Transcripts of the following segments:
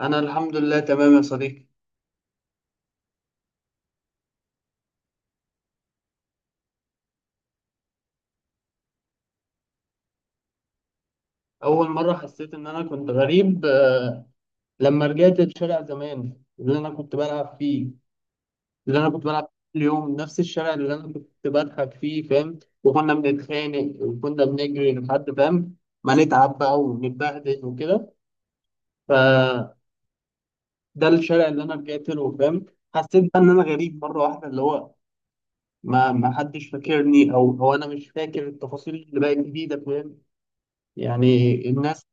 أنا الحمد لله تمام يا صديقي. أول مرة حسيت إن أنا كنت غريب آه، لما رجعت لشارع زمان اللي أنا كنت بلعب فيه كل يوم، نفس الشارع اللي أنا كنت بضحك فيه، فاهم؟ وكنا بنتخانق وكنا بنجري لحد، فاهم؟ ما نتعب بقى ونتبهدل وكده. فده الشارع اللي أنا رجعت له، فاهم؟ حسيت بقى إن أنا غريب مرة واحدة، اللي هو ما حدش فاكرني، أو أنا مش فاكر التفاصيل اللي بقت جديدة، فاهم؟ يعني الناس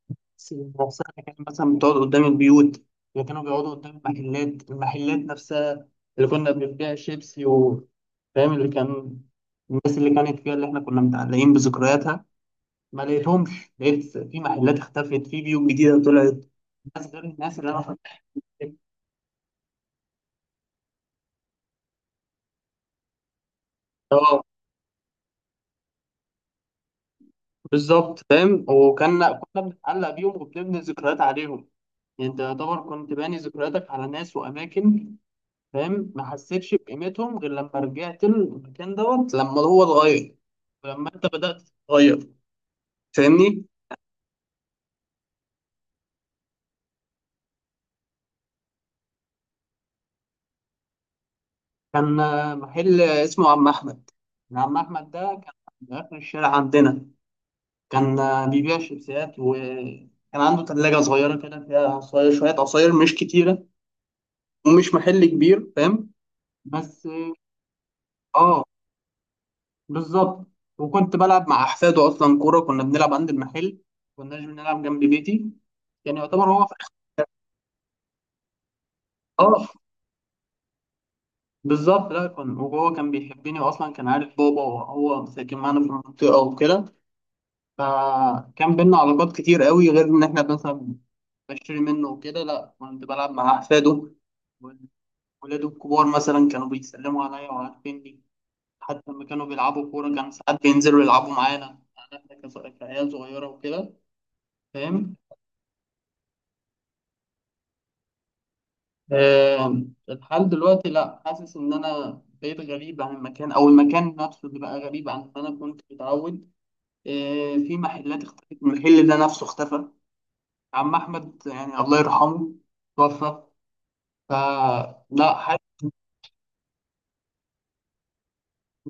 نفسها كانت مثلا بتقعد قدام البيوت، وكانوا بيقعدوا قدام المحلات، نفسها اللي كنا بنبيع شيبسي و- فاهم؟ اللي كان الناس اللي كانت فيها، اللي احنا كنا متعلقين بذكرياتها، ما لقيتهمش. لقيت في محلات اختفت، في بيوت جديدة طلعت، ناس غير الناس اللي انا كنت فيها. اه، بالظبط فاهم. وكنا بنتعلق بيهم وبنبني ذكريات عليهم. يعني انت يعتبر كنت باني ذكرياتك على ناس واماكن، فاهم؟ ما حسيتش بقيمتهم غير لما رجعت المكان دوت لما هو اتغير ولما انت بدأت تتغير، فاهمني؟ كان آه، محل اسمه عم احمد. عم احمد ده كان في اخر الشارع عندنا. كان آه، بيبيع شيبسيات، وكان عنده ثلاجة صغيرة كده فيها عصاير، شوية عصاير مش كتيرة، ومش محل كبير، فاهم؟ بس اه، بالظبط. وكنت بلعب مع احفاده اصلا، كورة كنا بنلعب عند المحل، كناش بنلعب جنب بيتي، يعني يعتبر هو في. اه، بالظبط، لا كان وهو كان بيحبني، واصلا كان عارف بابا، وهو ساكن معانا في المنطقه وكده. فكان بينا علاقات كتير قوي غير ان احنا مثلا بشتري منه وكده، لا كنت بلعب مع احفاده. ولاده الكبار مثلا كانوا بيسلموا عليا وعارفيني، حتى لما كانوا بيلعبوا كوره كان ساعات بينزلوا يلعبوا معانا. يعني احنا كص- كعيال صغيره وكده. فاهم؟ آه، الحال دلوقتي، لا، حاسس ان انا بقيت غريب عن المكان، او المكان نفسه اللي بقى غريب عن ما انا كنت متعود. آه، في محلات اختفت، المحل ده نفسه اختفى. عم احمد يعني الله يرحمه توفى، فلا حد.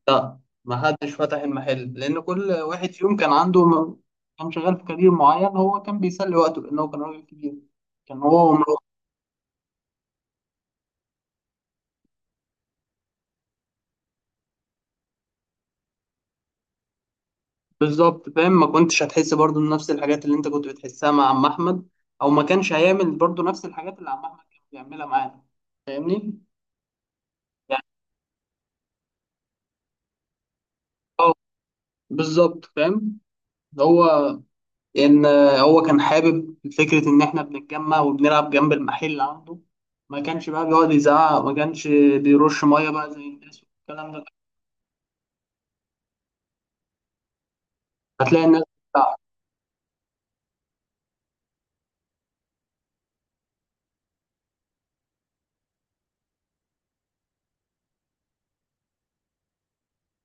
لا، ما حدش فتح المحل، لان كل واحد فيهم كان عنده م- كان شغال في كارير معين. هو كان بيسلي وقته لانه كان راجل كبير، كان هو ومراته. بالظبط فاهم. ما كنتش هتحس برضه بنفس الحاجات اللي انت كنت بتحسها مع عم احمد، او ما كانش هيعمل برضه نفس الحاجات اللي عم احمد كان بيعملها معانا، فاهمني؟ يعني اه، بالظبط فاهم. هو ان هو كان حابب فكره ان احنا بنتجمع وبنلعب جنب المحل اللي عنده. ما كانش بقى بيقعد يزعق، ما كانش بيرش ميه بقى زي الناس والكلام ده. هتلاقي الناس بتاع-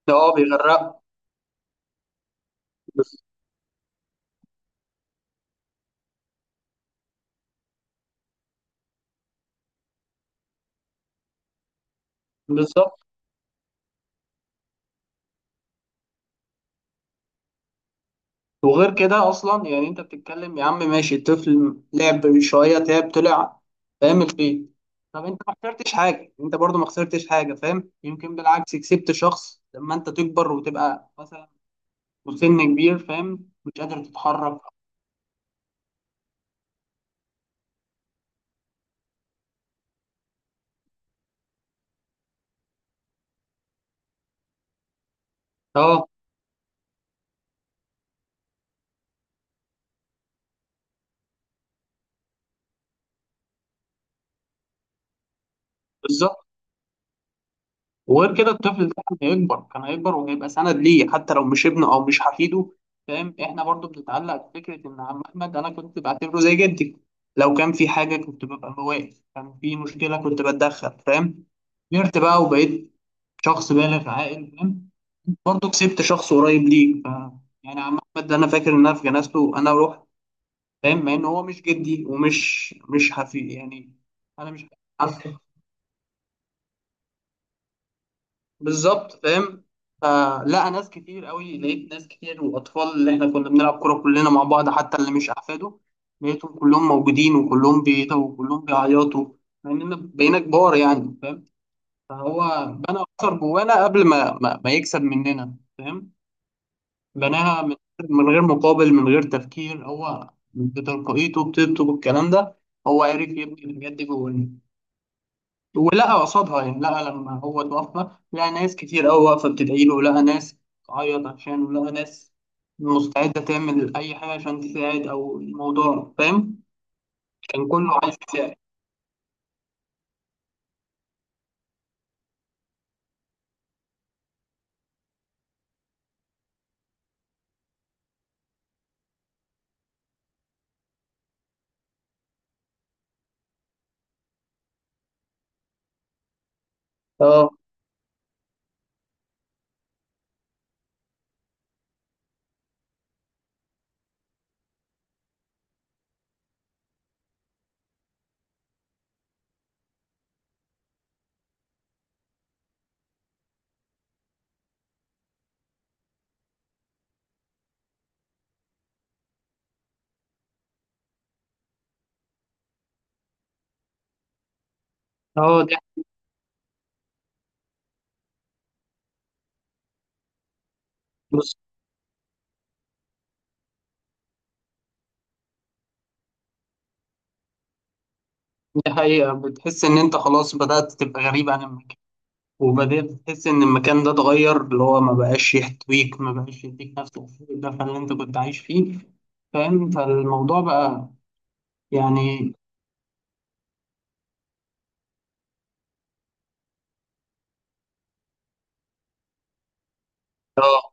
اه، بيغرق. بس- بالظبط. وغير كده اصلا يعني انت بتتكلم يا عم، ماشي، الطفل لعب شويه تعب طلع، فاهم؟ البيت. طب انت ما خسرتش حاجه، انت برضو ما خسرتش حاجه، فاهم؟ يمكن بالعكس كسبت شخص لما انت تكبر وتبقى مثلا وسن كبير، فاهم؟ مش قادر تتحرك. اه، بالظبط. وغير كده الطفل ده كان هيكبر، وهيبقى سند ليه حتى لو مش ابنه او مش حفيده. فاهم؟ احنا برضو بنتعلق بفكره ان عم احمد انا كنت بعتبره زي جدي. لو كان في حاجه كنت ببقى بواقف، كان في مشكله كنت بتدخل، فاهم؟ كبرت بقى وبقيت شخص بالغ عاقل، فاهم؟ برضو كسبت شخص قريب ليك ف- يعني عم احمد ده انا فاكر ان انا في جنازته انا رحت، فاهم؟ مع ان هو مش جدي ومش مش حفيد، يعني انا مش عارف بالظبط، فاهم؟ فلا، ناس كتير قوي لقيت، ناس كتير والاطفال اللي احنا كنا بنلعب كوره كلنا مع بعض حتى اللي مش احفاده لقيتهم كلهم موجودين، وكلهم بيتوا وكلهم بيعيطوا مع اننا بقينا كبار يعني، فاهم؟ فهو بنى اثر جوانا قبل ما يكسب مننا، فاهم؟ بناها من غير مقابل، من غير تفكير. هو بتلقائيته، بطيبته، بالكلام ده، هو عرف يبني الحاجات دي جوانا. ولقى قصادها، يعني لقى لما هو اتوفى لقى ناس كتير قوي واقفة بتدعي له، لقى ناس تعيط عشانه، لقى ناس مستعدة تعمل أي حاجة عشان تساعد أو الموضوع، فاهم؟ كان كله عايز يساعد. اه. اه. دي. بص، دي حقيقة. بتحس إن أنت خلاص بدأت تبقى غريب عن المكان، وبدأت تحس إن المكان ده اتغير، اللي هو ما بقاش يحتويك، ما بقاش يديك نفس الدفء اللي أنت كنت عايش فيه، فاهم؟ فالموضوع بقى يعني اه،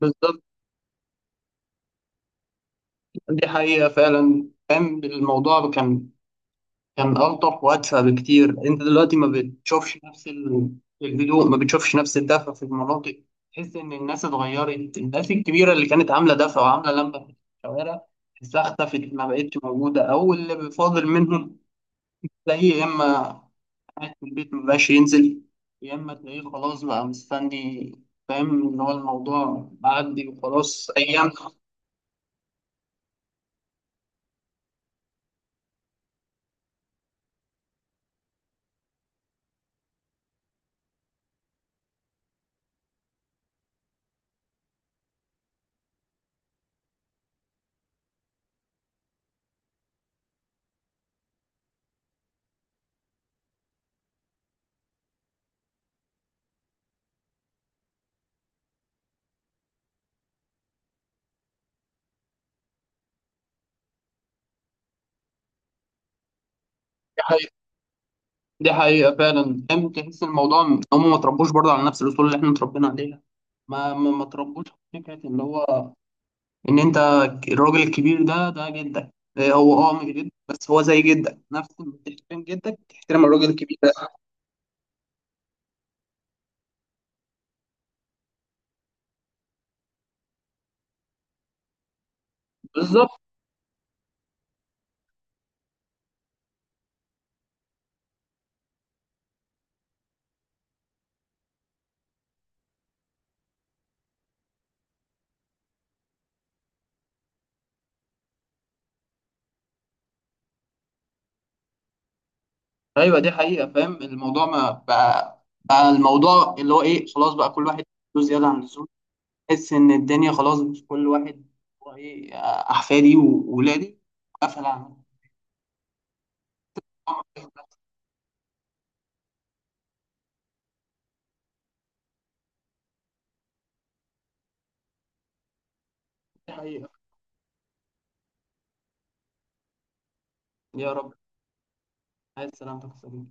بالظبط. دي حقيقة فعلا، كان الموضوع كان ألطف وأدفى بكتير. أنت دلوقتي ما بتشوفش نفس ال- الهدوء، ما بتشوفش نفس الدفى في المناطق. تحس إن الناس اتغيرت، الناس الكبيرة اللي كانت عاملة دفى وعاملة لمبة في الشوارع تحسها اختفت، ما بقتش موجودة. أو اللي فاضل منهم تلاقيه يا إما قاعد في البيت ما بقاش ينزل، يا إما تلاقيه خلاص بقى مستني، فاهم؟ إن هو الموضوع معدي وخلاص أيام. دي حقيقة فعلا فاهم. تحس الموضوع إن هم ما اتربوش برضه على نفس الأصول اللي احنا اتربينا عليها. ما اتربوش على فكرة اللي هو إن أنت الراجل الكبير ده، جدك. إيه هو أه مش جدك، بس هو زي جدك، نفس ما تحترم جدك تحترم الراجل الكبير ده. بالظبط. أيوه، دي حقيقة فاهم. الموضوع ما بقى الموضوع اللي هو إيه، خلاص بقى كل واحد له زيادة عن اللزوم. تحس إن الدنيا خلاص، مش كل واحد هو إيه، أحفادي وولادي، قفل عنهم. دي حقيقة. يا رب. عايز سلامتك يا صديقي.